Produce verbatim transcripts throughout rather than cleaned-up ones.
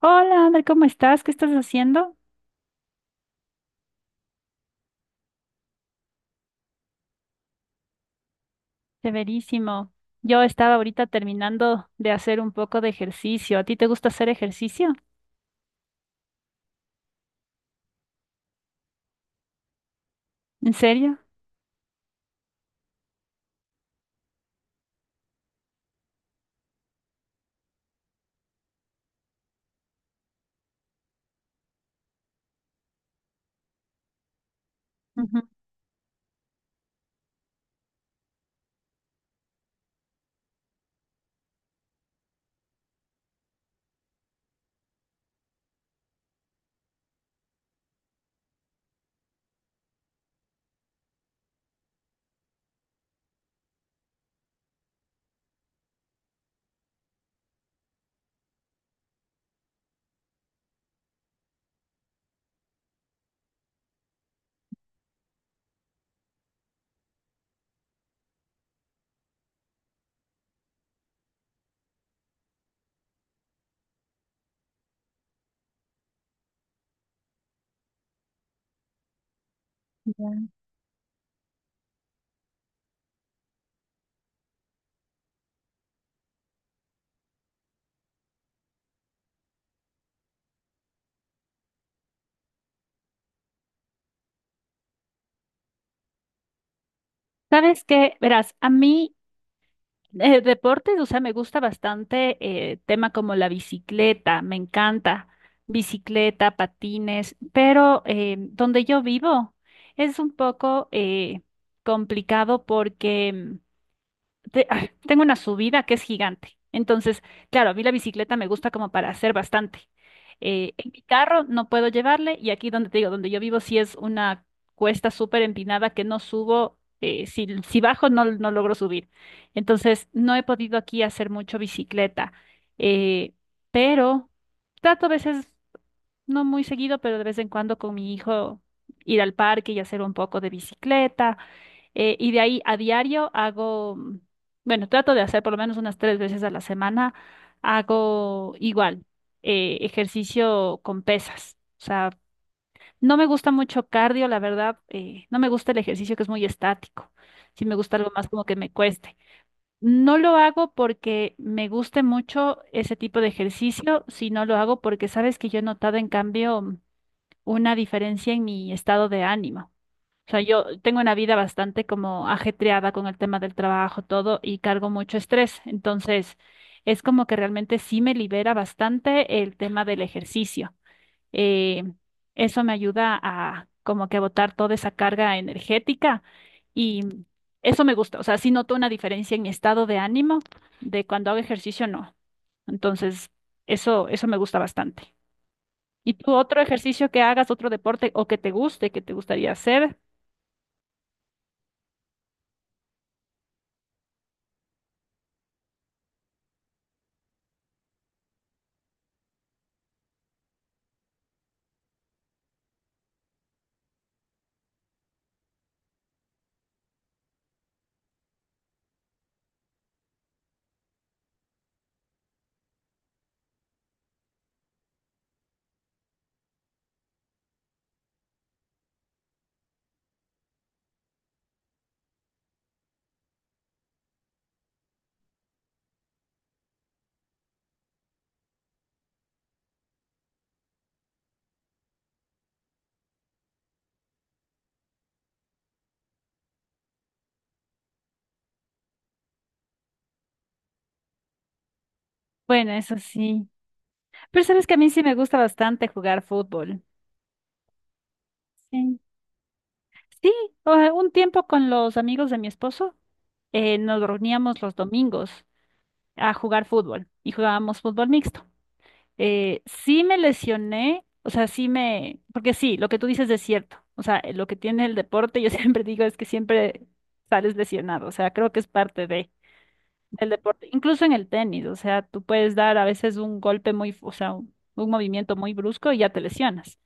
Hola, Ander, ¿cómo estás? ¿Qué estás haciendo? Severísimo. Yo estaba ahorita terminando de hacer un poco de ejercicio. ¿A ti te gusta hacer ejercicio? ¿En serio? Ujú. Ya. ¿Sabes qué? Verás, a mí eh, deportes, o sea, me gusta bastante eh, tema como la bicicleta, me encanta bicicleta, patines, pero eh, donde yo vivo es un poco eh, complicado porque te- ah, tengo una subida que es gigante. Entonces, claro, a mí la bicicleta me gusta como para hacer bastante. Eh, en mi carro no puedo llevarle y aquí donde te digo, donde yo vivo, sí es una cuesta súper empinada que no subo. Eh, si, si bajo, no, no logro subir. Entonces, no he podido aquí hacer mucho bicicleta. Eh, pero trato a veces, no muy seguido, pero de vez en cuando con mi hijo ir al parque y hacer un poco de bicicleta eh, y de ahí a diario hago, mm, bueno, trato de hacer por lo menos unas tres veces a la semana, hago igual, eh, ejercicio con pesas. O sea, no me gusta mucho cardio, la verdad, eh, no me gusta el ejercicio que es muy estático. Sí me gusta algo más como que me cueste. No lo hago porque me guste mucho ese tipo de ejercicio, sino lo hago porque sabes que yo he notado en cambio una diferencia en mi estado de ánimo. O sea, yo tengo una vida bastante como ajetreada con el tema del trabajo, todo, y cargo mucho estrés. Entonces, es como que realmente sí me libera bastante el tema del ejercicio. Eh, eso me ayuda a como que a botar toda esa carga energética y eso me gusta. O sea, sí noto una diferencia en mi estado de ánimo de cuando hago ejercicio, no. Entonces, eso, eso me gusta bastante. ¿Y tú otro ejercicio que hagas, otro deporte o que te guste, que te gustaría hacer? Bueno, eso sí. Pero sabes que a mí sí me gusta bastante jugar fútbol. Sí. Sí, o sea, un tiempo con los amigos de mi esposo eh, nos reuníamos los domingos a jugar fútbol y jugábamos fútbol mixto. Eh, sí me lesioné, o sea, sí me, porque sí, lo que tú dices es cierto. O sea, lo que tiene el deporte, yo siempre digo es que siempre sales lesionado. O sea, creo que es parte de, del deporte, incluso en el tenis. O sea, tú puedes dar a veces un golpe muy, fu- o sea, un un movimiento muy brusco y ya te lesionas.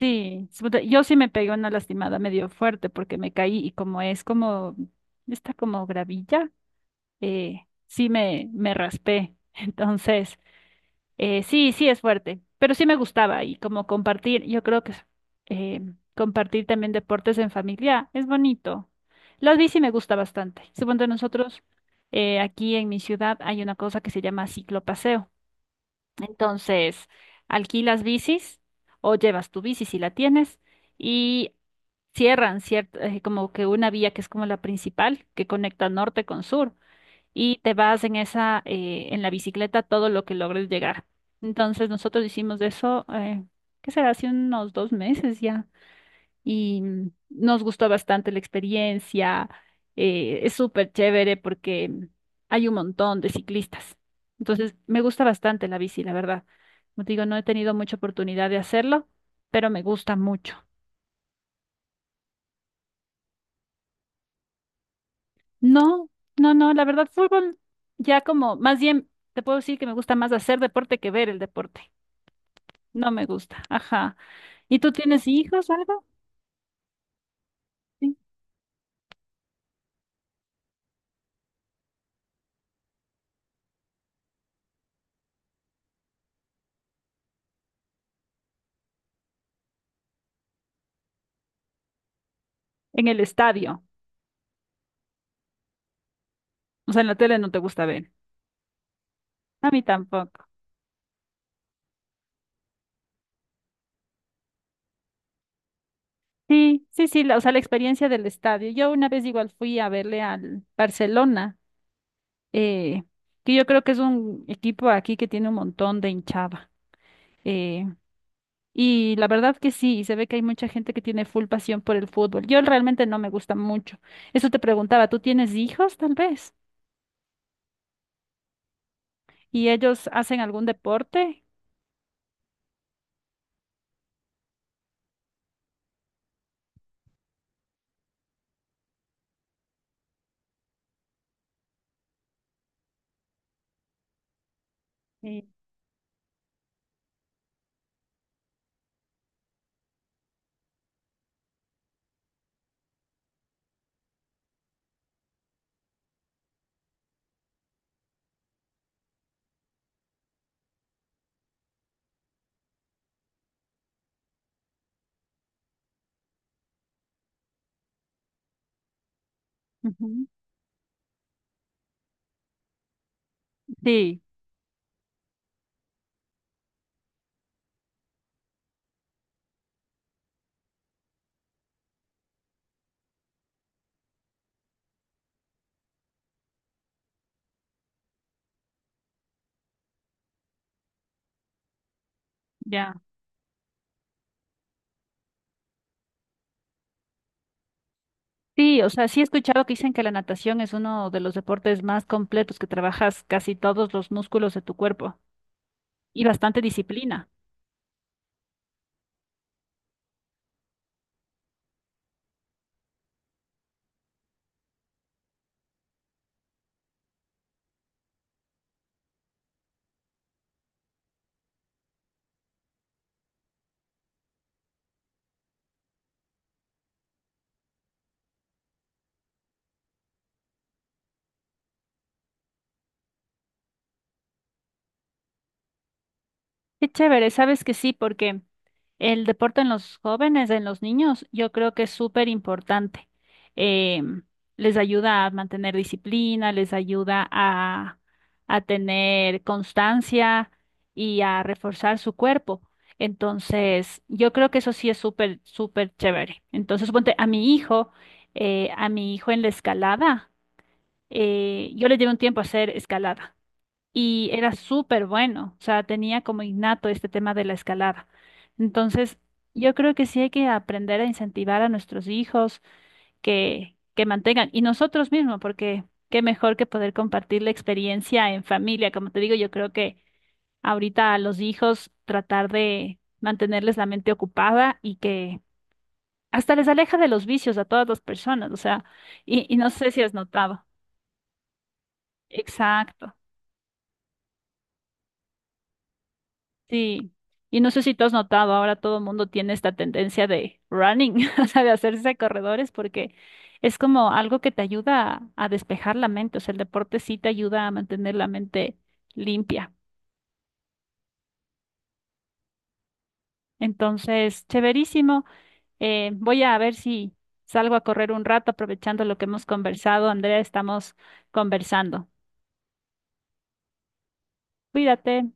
Sí, sí, puta, yo sí me pegué una lastimada medio fuerte porque me caí y como es como, está como gravilla, eh, sí me, me raspé. Entonces, eh, sí, sí es fuerte, pero sí me gustaba y como compartir, yo creo que eh, compartir también deportes en familia es bonito. Las bici me gusta bastante. Supongo nosotros, eh, aquí en mi ciudad hay una cosa que se llama ciclopaseo. Entonces, alquilas bicis o llevas tu bici si la tienes y cierran cierta, eh, como que una vía que es como la principal que conecta norte con sur y te vas en esa, eh, en la bicicleta todo lo que logres llegar. Entonces, nosotros hicimos eso, eh, ¿qué será? Hace unos dos meses ya y mm, nos gustó bastante la experiencia. Eh, es súper chévere porque mm, hay un montón de ciclistas. Entonces, me gusta bastante la bici, la verdad. Como te digo, no he tenido mucha oportunidad de hacerlo, pero me gusta mucho. No, no, no, la verdad, fútbol ya como, más bien, te puedo decir que me gusta más hacer deporte que ver el deporte. No me gusta, ajá. ¿Y tú tienes hijos o algo? Sí. En el estadio. O sea, en la tele no te gusta ver. A mí tampoco. Sí, sí, sí, la- o sea, la experiencia del estadio. Yo una vez igual fui a verle al Barcelona, eh, que yo creo que es un equipo aquí que tiene un montón de hinchada. Eh, y la verdad que sí, se ve que hay mucha gente que tiene full pasión por el fútbol. Yo realmente no me gusta mucho. Eso te preguntaba, ¿tú tienes hijos tal vez? ¿Y ellos hacen algún deporte? Sí. Ujú. Sí, ya. Sí, o sea, sí he escuchado que dicen que la natación es uno de los deportes más completos, que trabajas casi todos los músculos de tu cuerpo. Y bastante disciplina. Qué chévere, sabes que sí, porque el deporte en los jóvenes, en los niños, yo creo que es súper importante. Em, Les ayuda a mantener disciplina, les ayuda a, a tener constancia y a reforzar su cuerpo. Entonces, yo creo que eso sí es súper, súper chévere. Entonces, ponte a mi hijo, eh, a mi hijo en la escalada, eh, yo le llevo un tiempo a hacer escalada. Y era súper bueno, o sea, tenía como innato este tema de la escalada. Entonces, yo creo que sí hay que aprender a incentivar a nuestros hijos que, que mantengan, y nosotros mismos, porque qué mejor que poder compartir la experiencia en familia. Como te digo, yo creo que ahorita a los hijos tratar de mantenerles la mente ocupada y que hasta les aleja de los vicios a todas las personas, o sea, y, y no sé si has notado. Exacto. Sí, y no sé si tú has notado, ahora todo el mundo tiene esta tendencia de running, o sea, de hacerse corredores, porque es como algo que te ayuda a despejar la mente, o sea, el deporte sí te ayuda a mantener la mente limpia. Entonces, chéverísimo. Eh, voy a ver si salgo a correr un rato aprovechando lo que hemos conversado. Andrea, estamos conversando. Cuídate.